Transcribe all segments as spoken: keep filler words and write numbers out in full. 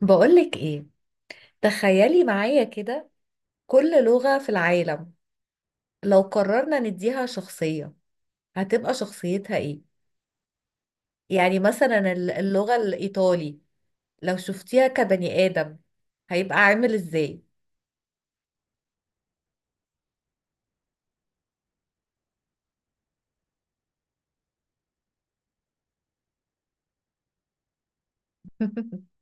بقولك ايه، تخيلي معايا كده. كل لغة في العالم لو قررنا نديها شخصية، هتبقى شخصيتها ايه؟ يعني مثلا الل- اللغة الإيطالي، لو شفتيها كبني آدم، هيبقى عامل ازاي؟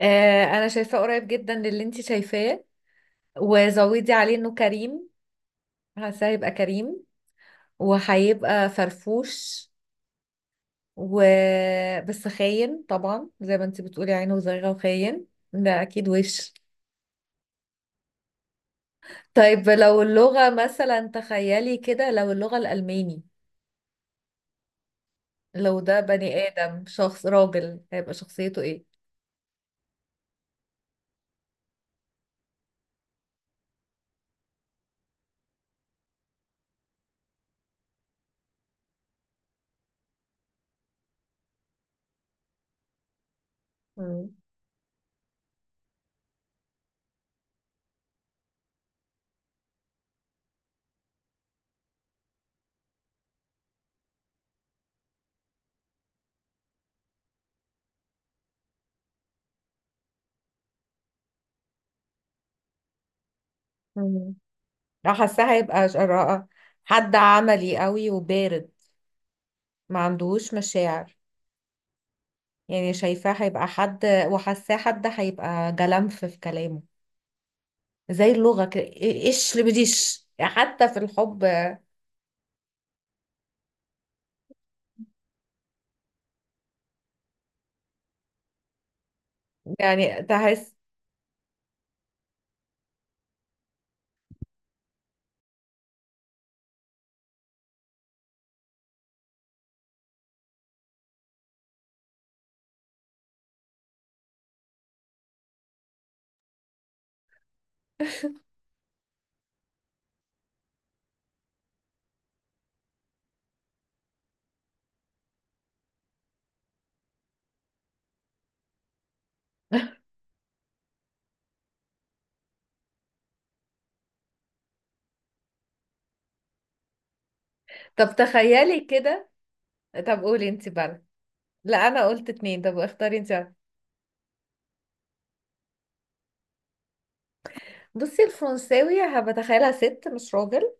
آه، انا شايفاه قريب جدا للي انت شايفاه، وزودي عليه انه كريم. حاسه هيبقى كريم وهيبقى فرفوش و بس خاين طبعا، زي ما انت بتقولي عينه زيغه وخاين. ده اكيد وش. طيب، لو اللغة مثلا تخيلي كده، لو اللغة الألماني، لو ده بني آدم، شخص راجل، هيبقى شخصيته ايه؟ مم. مم. لو حاساه هيبقى ش- را- حد عملي قوي وبارد، ما عندهوش مشاعر. يعني شايفاه هيبقى حد، وحاساه حد هيبقى جلمف في كلامه، زي اللغة كده. إيه- ايش اللي بديش حتى في الحب. يعني تحس. طب تخيلي كده. طب قولي انت بقى. لا، انا قلت اتنين، طب اختاري انت. بصي الفرنساوي هبتخيلها ست مش راجل،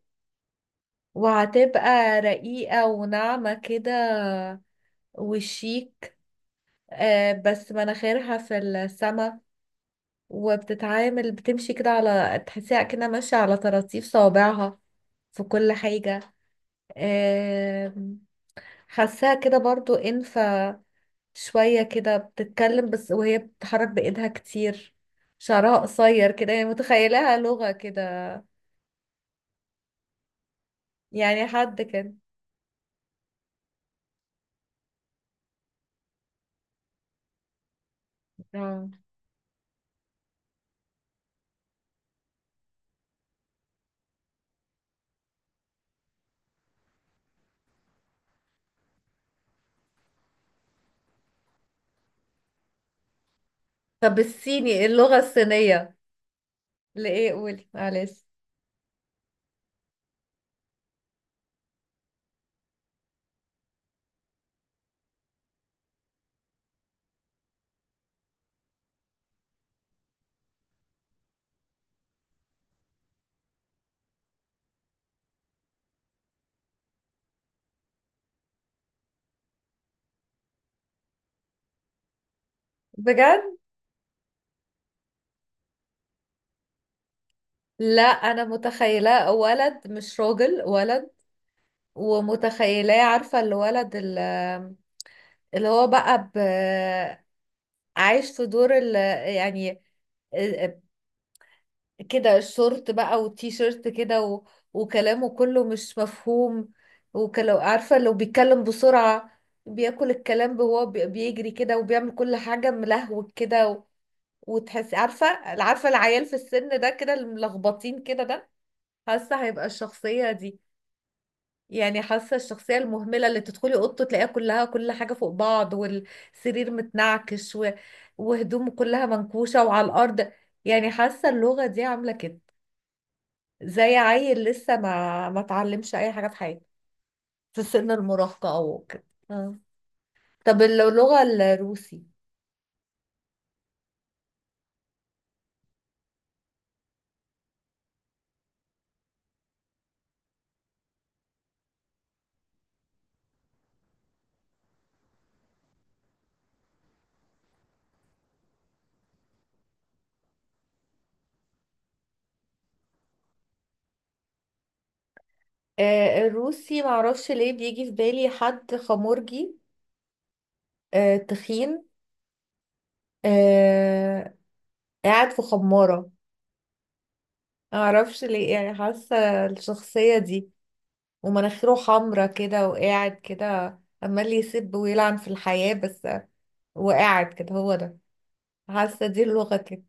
وهتبقى رقيقة وناعمة كده، وشيك، آه، بس مناخيرها في السما. وبتتعامل، بتمشي كده، على تحسيها كده ماشية على طراطيف صوابعها في كل حاجة. آم، حاساها كده برضو انفة شوية، كده بتتكلم بس وهي بتتحرك بإيدها كتير، شعرها قصير كده، يعني متخيلها لغة كده. يعني حد كده. آه. طب الصيني، اللغة الصينية، لإيه؟ قولي معلش. بجد. لا، أنا متخيلاه ولد مش راجل، ولد. ومتخيلاه، عارفة الولد ال- اللي هو بقى ب... عايش في دور ال... يعني كده الشورت بقى والتي شيرت كده و... وكلامه كله مش مفهوم، وكلو. عارفة، لو بيتكلم بسرعة بياكل الكلام، وهو بي- بيجري كده وبيعمل كل حاجة ملهوج كده، وتحسي عارفة. عارفة العيال في السن ده كده، الملخبطين كده ده، حاسة هيبقى الشخصية دي. يعني حاسة الشخصية المهملة، اللي تدخلي أوضته تلاقيها كلها، كل حاجة فوق بعض والسرير متنعكش و... وهدومه كلها منكوشة وعلى الأرض. يعني حاسة اللغة دي عاملة كده، زي عيل لسه ما ما اتعلمش أي حاجة في حياته، في سن المراهقة أو كده. آه. طب اللغة الروسي. آه الروسي معرفش ليه بيجي في بالي حد خمورجي، آه تخين، آه... قاعد في خمارة. معرفش ليه، يعني حاسة الشخصية دي، ومناخيره حمرا كده، وقاعد كده عمال يسب ويلعن في الحياة بس. وقاعد كده، هو ده. حاسة دي اللغة كده.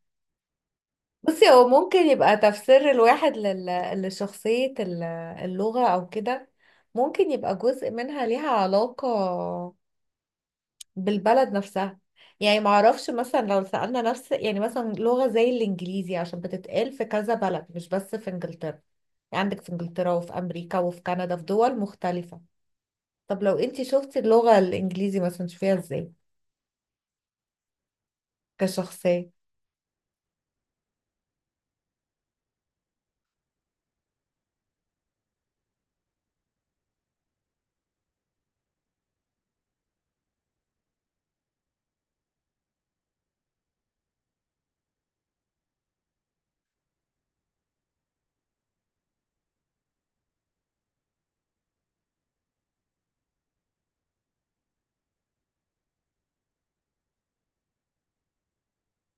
بصي، هو ممكن يبقى تفسير الواحد لل... لشخصية ال- اللغة أو كده، ممكن يبقى جزء منها ليها علاقة بالبلد نفسها. يعني معرفش مثلا، لو سألنا نفس، يعني مثلا لغة زي الإنجليزي عشان بتتقال في كذا بلد مش بس في إنجلترا. يعني عندك في إنجلترا وفي أمريكا وفي كندا، في دول مختلفة. طب لو أنتي شفتي اللغة الإنجليزي مثلا، تشوفيها إزاي كشخصية؟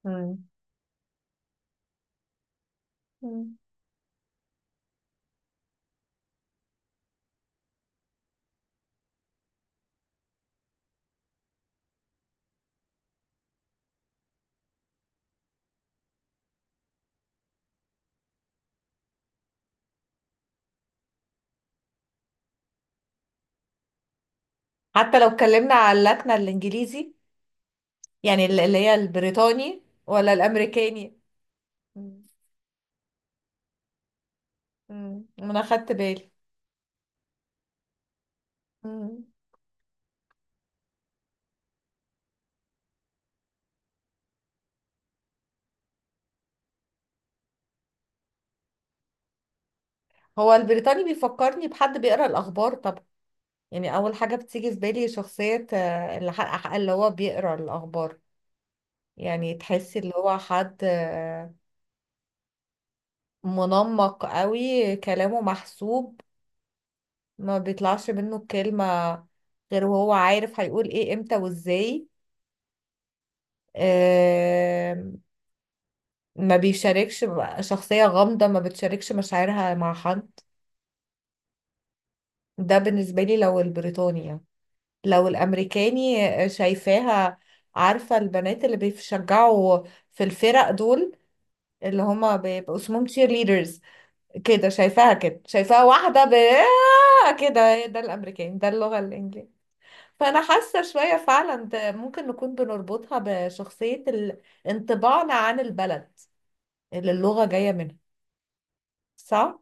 مم. مم. حتى لو اتكلمنا على اللكنة الإنجليزي، يعني ال- اللي هي البريطاني ولا الأمريكاني. مم. مم. أنا خدت بالي. مم. هو البريطاني بيفكرني بحد بيقرأ الأخبار طبعا. يعني اول حاجه بتيجي في بالي شخصيه آه، اللي حق، اللي هو بيقرا الاخبار. يعني تحسي اللي هو حد آه، منمق قوي، كلامه محسوب، ما بيطلعش منه الكلمه غير وهو عارف هيقول ايه، امتى وازاي. آه، ما بيشاركش بقى- شخصيه غامضه ما بتشاركش مشاعرها مع حد. ده بالنسبه لي، لو البريطاني يعني. لو الامريكاني، آه، شايفاها، عارفه البنات اللي بيشجعوا في الفرق دول، اللي هما بيبقوا اسمهم تشير ليدرز، كده شايفاها، كده شايفاها واحدة ب آه كده. ده الأمريكاني، ده اللغة الإنجليزية. فأنا حاسة شوية فعلا ده ممكن نكون بنربطها بشخصية ال- انطباعنا عن البلد اللي اللغة جاية منها. صح؟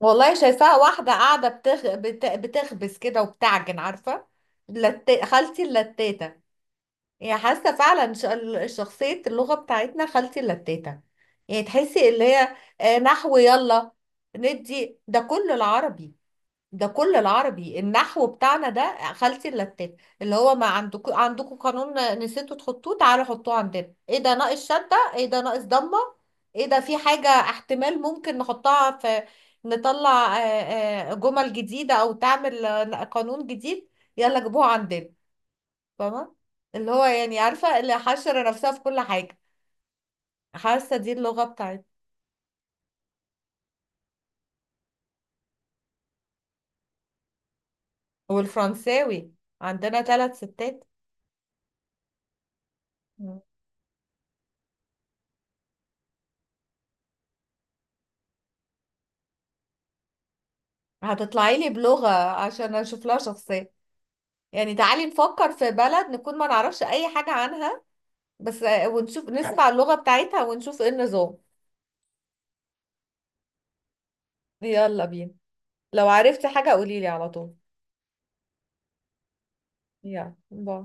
والله شايفاها واحدة قاعدة بتخ... بت... بتخبز كده وبتعجن، عارفة. لت... خالتي اللتاتة. يعني حاسه فعلا ش- ال- شخصيه اللغه بتاعتنا خالتي اللتاتة. يعني تحسي اللي هي آه، نحو. يلا، ندي. ده كله العربي، ده كله العربي، النحو بتاعنا ده خالتي اللتاتة، اللي هو ما عندكم، عندكم قانون نسيتوا تحطوه، تعالوا حطوه عندنا. ايه ده؟ ناقص شده. ايه ده؟ ناقص ضمه. ايه ده؟ في حاجه احتمال ممكن نحطها في، نطلع آه، آه، جمل جديده، او تعمل آه، قانون جديد، يلا جيبوها عندنا. فاهمة؟ اللي هو يعني، عارفة، اللي حشر نفسها في كل حاجة. حاسة دي اللغة بتاعتنا. والفرنساوي، عندنا ثلاث ستات. مم. هتطلعي لي بلغة عشان اشوف لها شخصية. يعني تعالي نفكر في بلد نكون ما نعرفش اي حاجة عنها، بس آه، ونشوف، نسمع اللغة بتاعتها ونشوف ايه النظام. يلا بينا. لو عرفتي حاجة قوليلي على طول. يلا، باي.